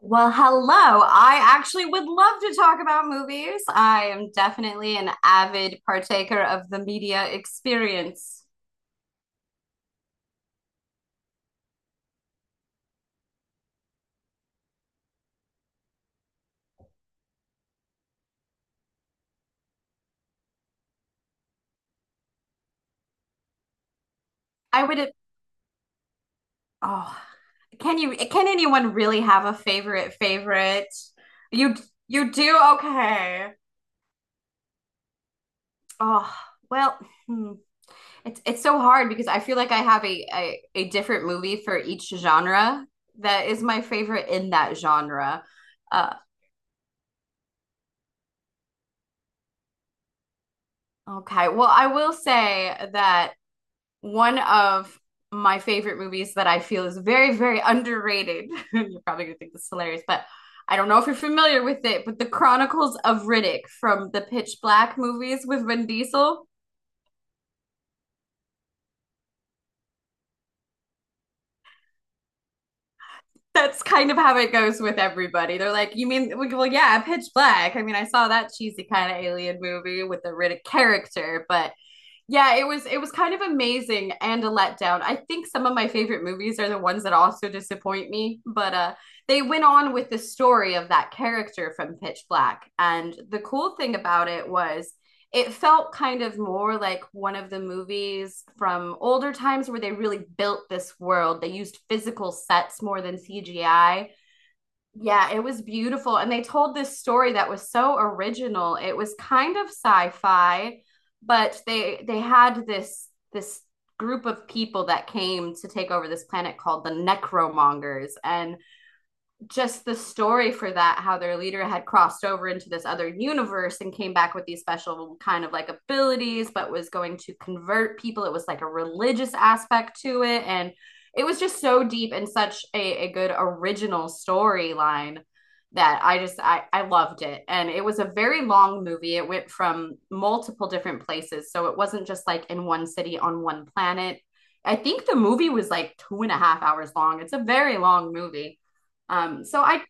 Well, hello. I actually would love to talk about movies. I am definitely an avid partaker of the media experience. I would, oh, can you, can anyone really have a favorite favorite? You, you do? Okay. Oh, well, hmm. It's so hard because I feel like I have a different movie for each genre that is my favorite in that genre. Uh, okay. Well, I will say that one of my favorite movies that I feel is very, very underrated. You're probably gonna think this is hilarious, but I don't know if you're familiar with it, but The Chronicles of Riddick from the Pitch Black movies with Vin Diesel. That's kind of how it goes with everybody. They're like, you mean, well, yeah, Pitch Black. I mean, I saw that cheesy kind of alien movie with the Riddick character, but yeah, it was kind of amazing and a letdown. I think some of my favorite movies are the ones that also disappoint me, but they went on with the story of that character from Pitch Black. And the cool thing about it was it felt kind of more like one of the movies from older times where they really built this world. They used physical sets more than CGI, yeah, it was beautiful. And they told this story that was so original. It was kind of sci-fi, but they had this group of people that came to take over this planet called the Necromongers. And just the story for that, how their leader had crossed over into this other universe and came back with these special kind of like abilities, but was going to convert people. It was like a religious aspect to it. And it was just so deep and such a good original storyline that I loved it. And it was a very long movie. It went from multiple different places, so it wasn't just like in one city on one planet. I think the movie was like two and a half hours long. It's a very long movie. So I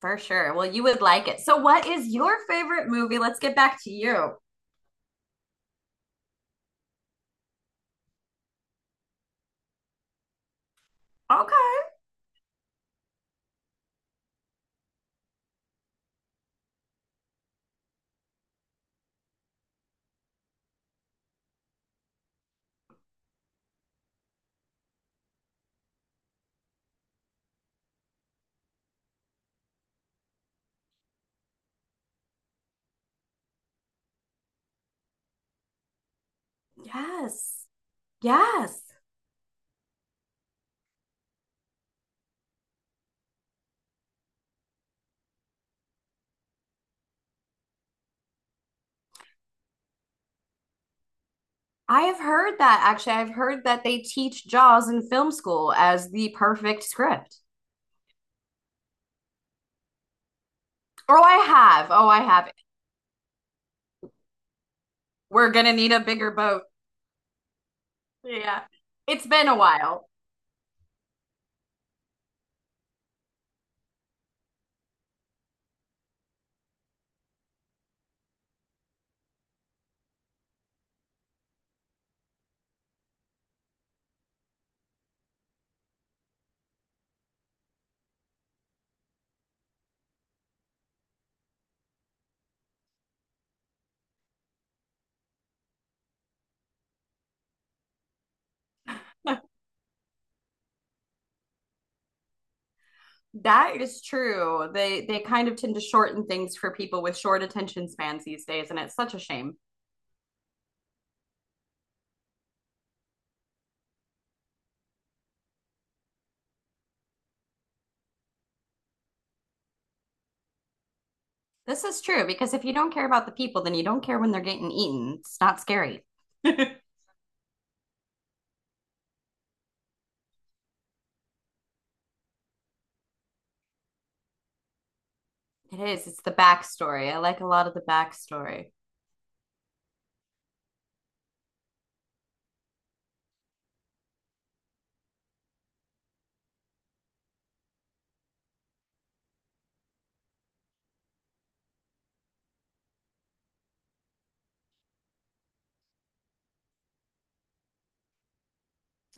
For sure. Well, you would like it. So what is your favorite movie? Let's get back to you. Okay. Yes. Yes. I have heard that actually. I've heard that they teach Jaws in film school as the perfect script. Oh, I have. Oh, I have. We're gonna need a bigger boat. Yeah. It's been a while. That is true. They kind of tend to shorten things for people with short attention spans these days, and it's such a shame. This is true because if you don't care about the people, then you don't care when they're getting eaten. It's not scary. It is. It's the backstory. I like a lot of the backstory.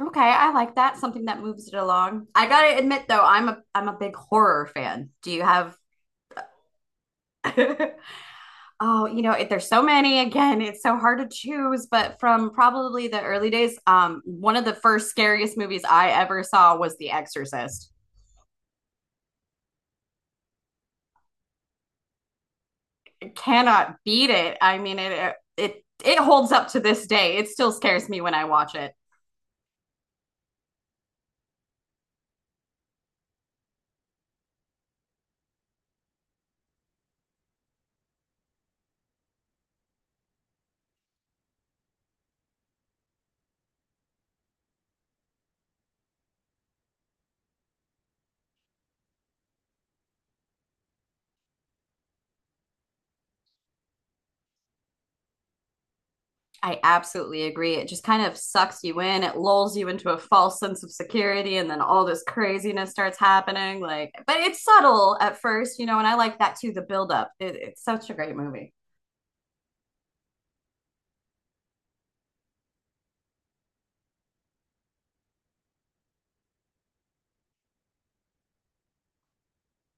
Okay, I like that. Something that moves it along. I gotta admit though, I'm a big horror fan. Do you have oh, it, there's so many again. It's so hard to choose, but from probably the early days, one of the first scariest movies I ever saw was The Exorcist. It cannot beat it. I mean, it holds up to this day. It still scares me when I watch it. I absolutely agree. It just kind of sucks you in. It lulls you into a false sense of security, and then all this craziness starts happening. Like, but it's subtle at first, and I like that too, the buildup. It's such a great movie.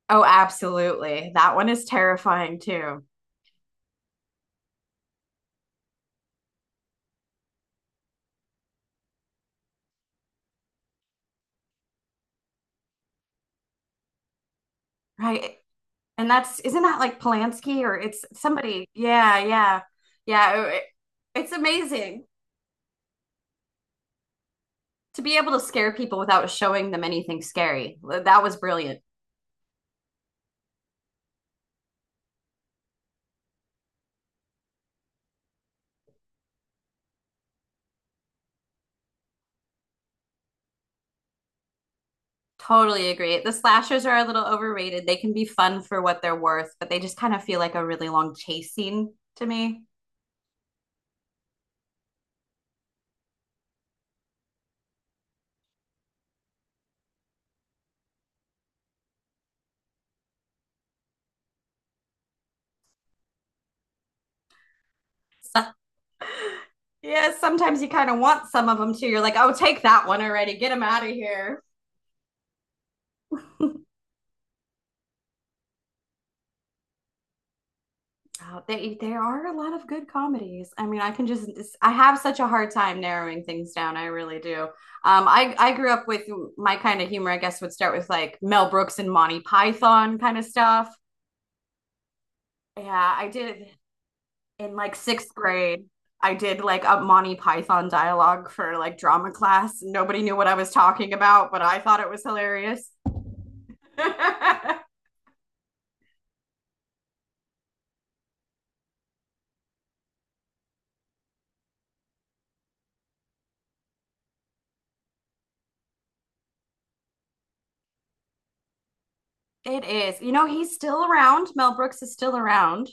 Oh, absolutely. That one is terrifying too, right? And that's, isn't that like Polanski or it's somebody? Yeah, yeah, yeah. It's amazing to be able to scare people without showing them anything scary. That was brilliant. Totally agree. The slashers are a little overrated. They can be fun for what they're worth, but they just kind of feel like a really long chase scene to me. So, yeah, sometimes you kind of want some of them too. You're like, oh, take that one already. Get them out of here. Oh, they there are a lot of good comedies. I mean, I can just I have such a hard time narrowing things down. I really do. I grew up with my kind of humor. I guess would start with like Mel Brooks and Monty Python kind of stuff. Yeah, I did in like sixth grade. I did like a Monty Python dialogue for like drama class. Nobody knew what I was talking about, but I thought it was hilarious. It is. You know, he's still around. Mel Brooks is still around.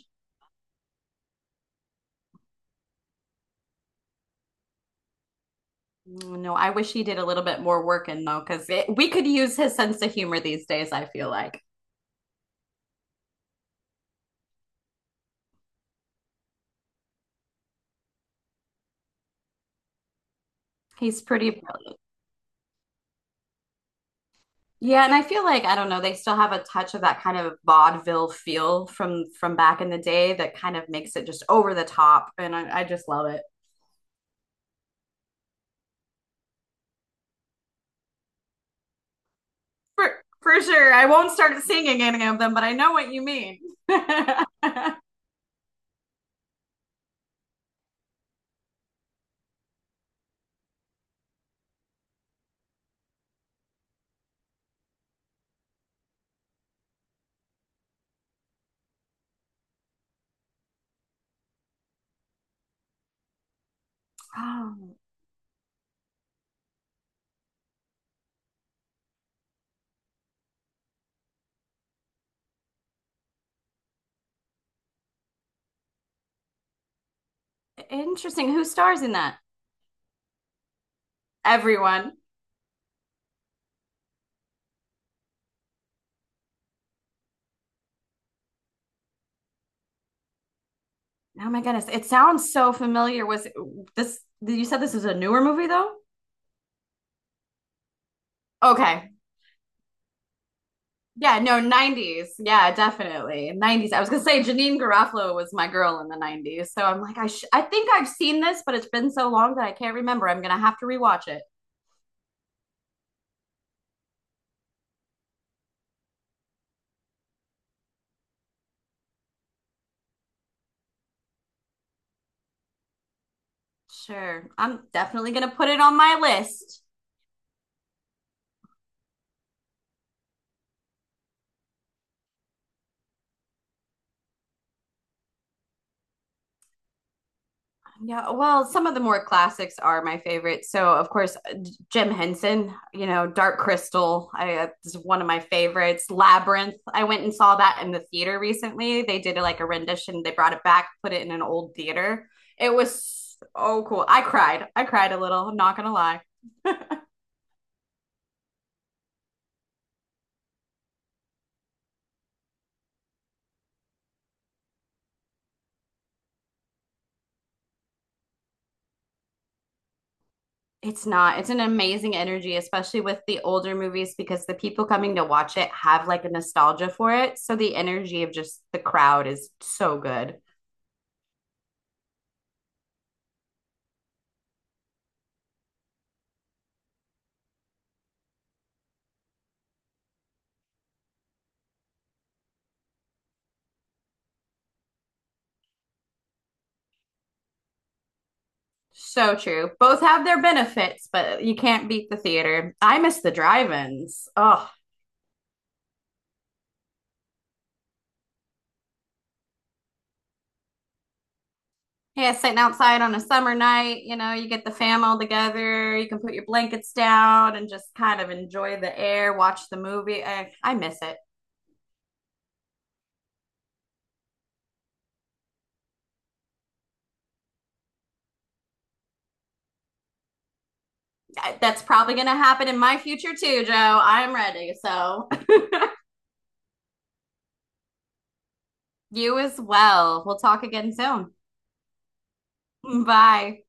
No, I wish he did a little bit more work in though, because we could use his sense of humor these days, I feel like. He's pretty. Yeah, and I feel like I don't know, they still have a touch of that kind of vaudeville feel from back in the day that kind of makes it just over the top, and I just love it. For for sure. I won't start singing any of them, but I know what you mean. Oh, interesting. Who stars in that? Everyone. Oh my goodness. It sounds so familiar. Was it, this You said this is a newer movie though? Okay. Yeah, no, 90s. Yeah, definitely. 90s. I was gonna say Janine Garofalo was my girl in the 90s. So I'm like, I think I've seen this, but it's been so long that I can't remember. I'm gonna have to rewatch it. Sure. I'm definitely gonna put it on my list. Yeah, well, some of the more classics are my favorite. So, of course, Jim Henson, you know, Dark Crystal, I is one of my favorites. Labyrinth, I went and saw that in the theater recently. They did like a rendition, they brought it back, put it in an old theater. It was so cool. I cried. I cried a little, I'm not gonna lie. It's not. It's an amazing energy, especially with the older movies, because the people coming to watch it have like a nostalgia for it. So the energy of just the crowd is so good. So true. Both have their benefits, but you can't beat the theater. I miss the drive-ins. Oh, yeah, sitting outside on a summer night, you know, you get the fam all together, you can put your blankets down and just kind of enjoy the air, watch the movie. I miss it. That's probably going to happen in my future too, Joe. I'm ready. So, you as well. We'll talk again soon. Bye.